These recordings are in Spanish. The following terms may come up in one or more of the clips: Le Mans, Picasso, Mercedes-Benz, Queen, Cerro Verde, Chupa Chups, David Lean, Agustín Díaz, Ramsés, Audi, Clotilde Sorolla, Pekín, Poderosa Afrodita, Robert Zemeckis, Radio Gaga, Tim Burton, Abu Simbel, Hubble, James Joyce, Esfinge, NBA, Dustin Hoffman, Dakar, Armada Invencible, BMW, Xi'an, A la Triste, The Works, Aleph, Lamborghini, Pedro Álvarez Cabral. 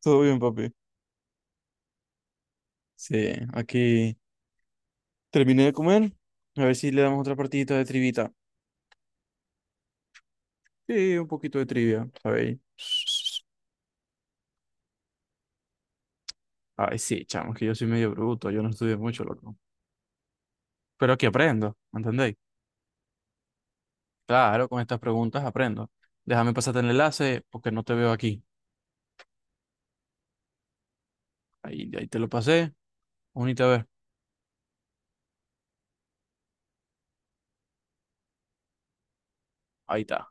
Todo bien, papi. Sí, aquí terminé de comer. A ver si le damos otra partidita de trivita. Sí, un poquito de trivia, ¿sabéis? Ay, sí, chamo, que yo soy medio bruto, yo no estudié mucho, loco. Pero aquí aprendo, ¿me entendéis? Claro, con estas preguntas aprendo. Déjame pasarte el enlace porque no te veo aquí. Ahí te lo pasé. Únete a ver. Ahí está.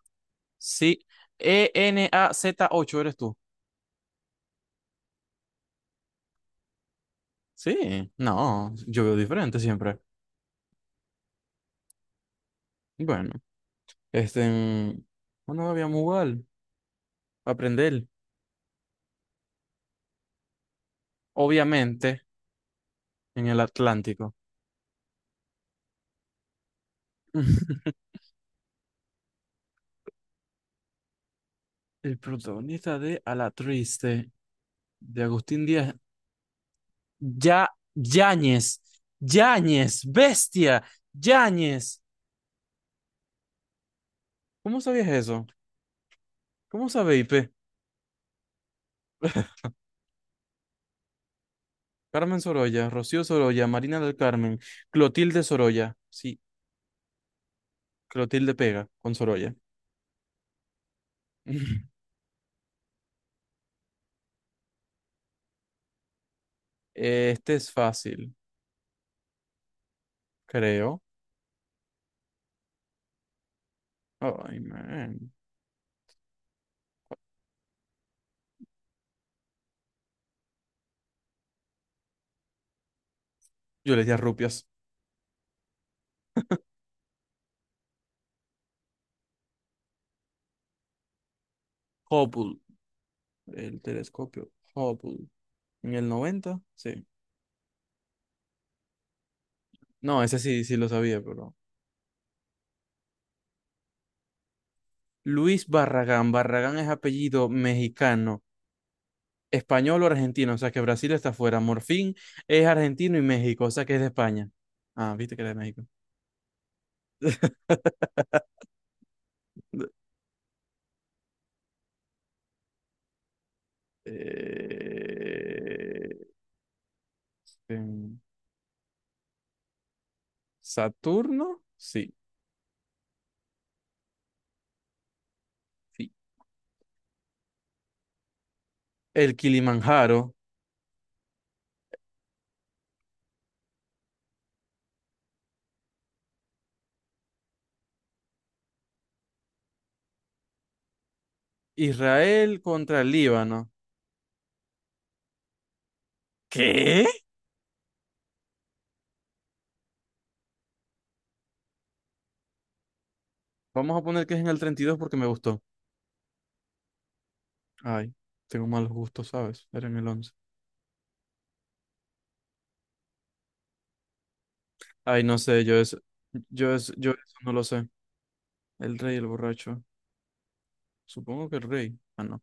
Sí. ENAZ8 eres tú. Sí. No, yo veo diferente siempre. Bueno, este. mm, Bueno, habíamos jugar, aprender, obviamente, en el Atlántico. El protagonista de A la Triste, de Agustín Díaz, ya, Yáñez, Yáñez, bestia, Yáñez. ¿Cómo sabías eso? ¿Cómo sabe IP? Carmen Sorolla, Rocío Sorolla, Marina del Carmen, Clotilde Sorolla. Sí, Clotilde pega con Sorolla. Este es fácil, creo. Ay, man. Yo le di a rupias. Hopul. El telescopio Hubble. En el noventa, sí. No, ese sí, sí lo sabía, pero. Luis Barragán. Barragán es apellido mexicano, español o argentino, o sea que Brasil está fuera. Morfín es argentino y México, o sea que es de España. Ah, viste que era de México. Eh, em, Saturno, sí, sí. El Kilimanjaro. Israel contra el Líbano. ¿Qué? Vamos a poner que es en el 32 porque me gustó. Ay, tengo malos gustos, ¿sabes? Era en el 11. Ay, no sé, yo eso no lo sé. El rey, el borracho. Supongo que el rey. Ah, no.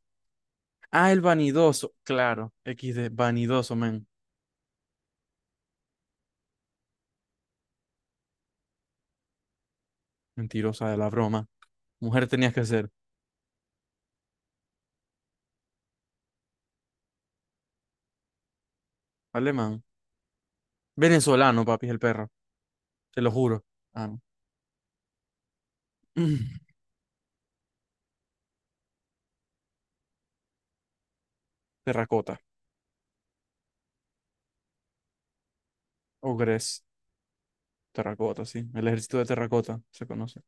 Ah, el vanidoso. Claro, equis de vanidoso, men. Mentirosa de la broma. Mujer tenías que ser. Alemán. Venezolano, papi, es el perro. Te lo juro. Ah, no. Terracota. Ogres. Terracota, sí. El ejército de terracota se conoce.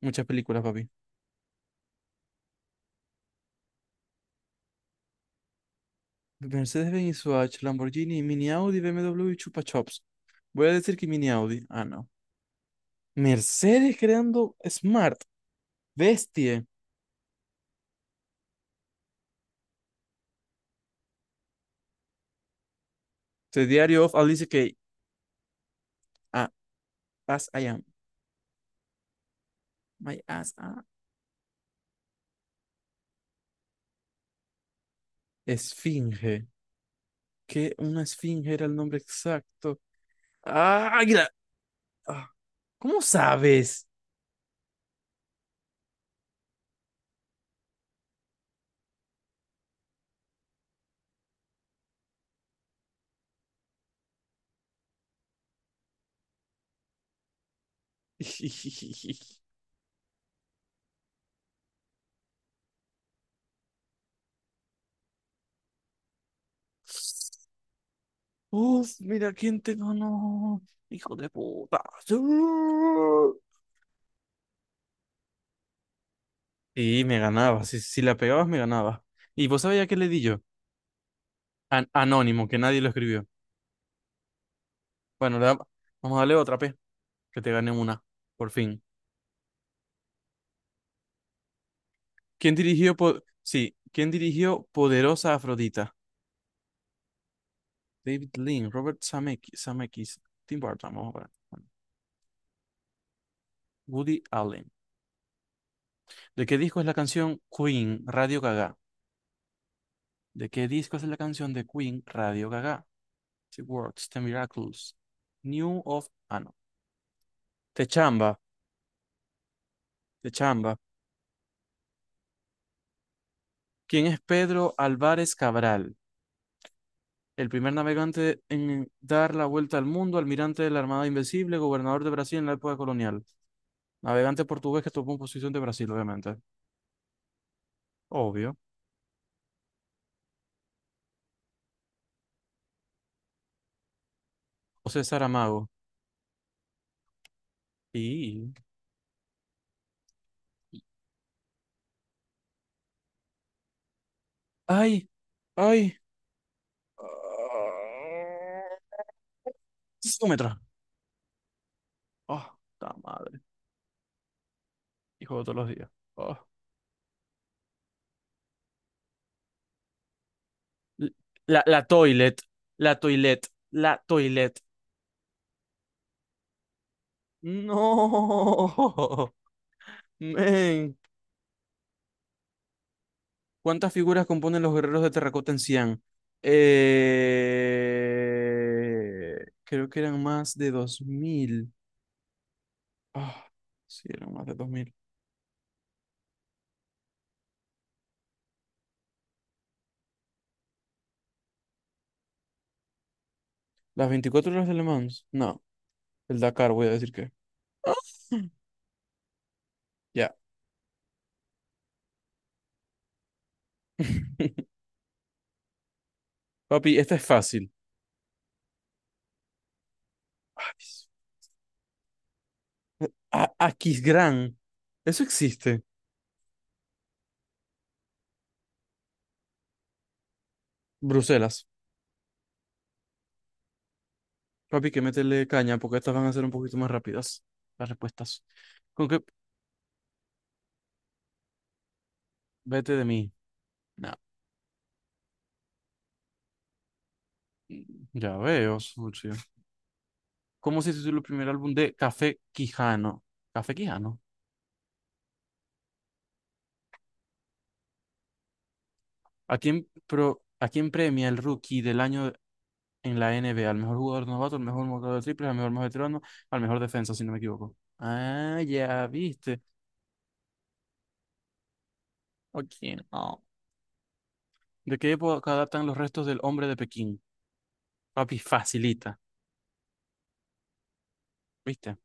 Muchas películas, papi. Mercedes-Benz, Swatch, Lamborghini, Mini Audi, BMW y Chupa Chups. Voy a decir que Mini Audi. Ah, no. Mercedes creando Smart. Bestie. The Diary of Alice Kay. Ah, as I am. My ass. Ah. Esfinge. Que una esfinge era el nombre exacto. Ah, águila. Ah, ¿cómo sabes? Uf, mira quién te ganó. Hijo de puta. Y me ganaba. Si la pegabas, me ganaba. ¿Y vos sabías qué le di yo? Anónimo, que nadie lo escribió. Bueno, vamos a darle otra P, que te gané una, por fin. Sí, ¿quién dirigió Poderosa Afrodita? David Lean, Robert Zemeckis, Tim Burton, vamos a ver. Bueno, Woody Allen. ¿De qué disco es la canción Queen, Radio Gaga? ¿De qué disco es la canción de Queen, Radio Gaga? The Works, The Miracles, New of... Ah, no. Te chamba, te chamba. ¿Quién es Pedro Álvarez Cabral? El primer navegante en dar la vuelta al mundo, almirante de la Armada Invencible, gobernador de Brasil en la época colonial. Navegante portugués que tomó posición de Brasil, obviamente. Obvio. José Saramago. Y... ¡Ay! ¡Ay! Súmetra. ¡Oh, la madre! Hijo de todos los días. Oh. La toilet. La toilet. La toilet. No. Men. ¿Cuántas figuras componen los guerreros de terracota en Xi'an? Eh, Creo que eran más de 2000. Ah, sí, eran más de 2000. ¿Las 24 horas de Le Mans? No, el Dakar, voy a decir que. Ah, ya. Papi, esta es fácil. Ay, a Aquisgrán. Eso existe. Bruselas. Papi, que métele caña porque estas van a ser un poquito más rápidas. Las respuestas. Con que vete de mí. No. Ya veo, Suchi. ¿Cómo se tituló el primer álbum de Café Quijano? Café Quijano. ¿A quién premia el rookie del año en la NBA? ¿Al mejor jugador novato, al mejor jugador de triples, al mejor más veterano, al mejor defensa, si no me equivoco? Ah, ya viste. Ok, no. ¿De qué época datan los restos del hombre de Pekín? Papi, facilita. ¿Viste?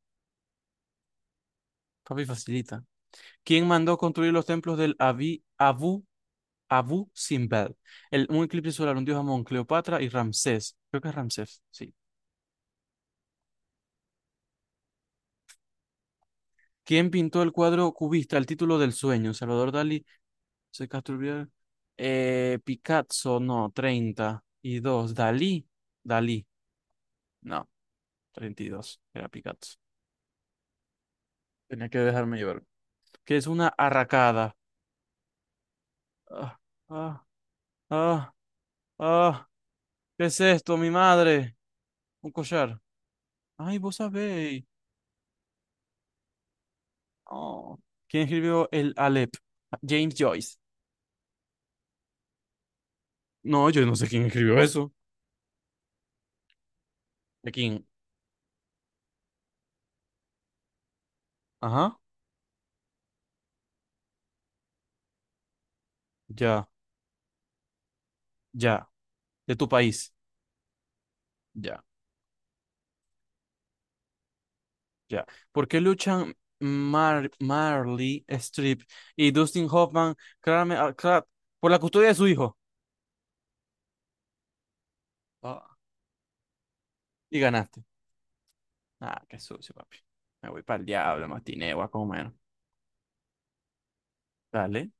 Papi, facilita. ¿Quién mandó construir los templos del Abu Simbel? El, un eclipse solar, un dios Amón, Cleopatra y Ramsés. Creo que es Ramsés, sí. ¿Quién pintó el cuadro cubista, El título del sueño? Salvador Dalí, José Castro Urbiaga, Picasso, no, 30 y 2. Dalí, Dalí, no, Treinta y dos, era Picasso. Tenía que dejarme llevar. ¿Qué es una arracada? Ah, ah, ah, ah. ¿Qué es esto, mi madre? Un collar. Ay, vos sabéis. Oh. ¿Quién escribió el Aleph? James Joyce. No, yo no sé quién escribió eso. ¿De quién? Ajá. Ya, ya. De tu país. Ya. Ya. ¿Por qué luchan Marley Strip y Dustin Hoffman claramente, por la custodia de su hijo? Ah, y ganaste. Ah, qué sucio, papi. Me voy para el diablo, matineo a comer. Dale.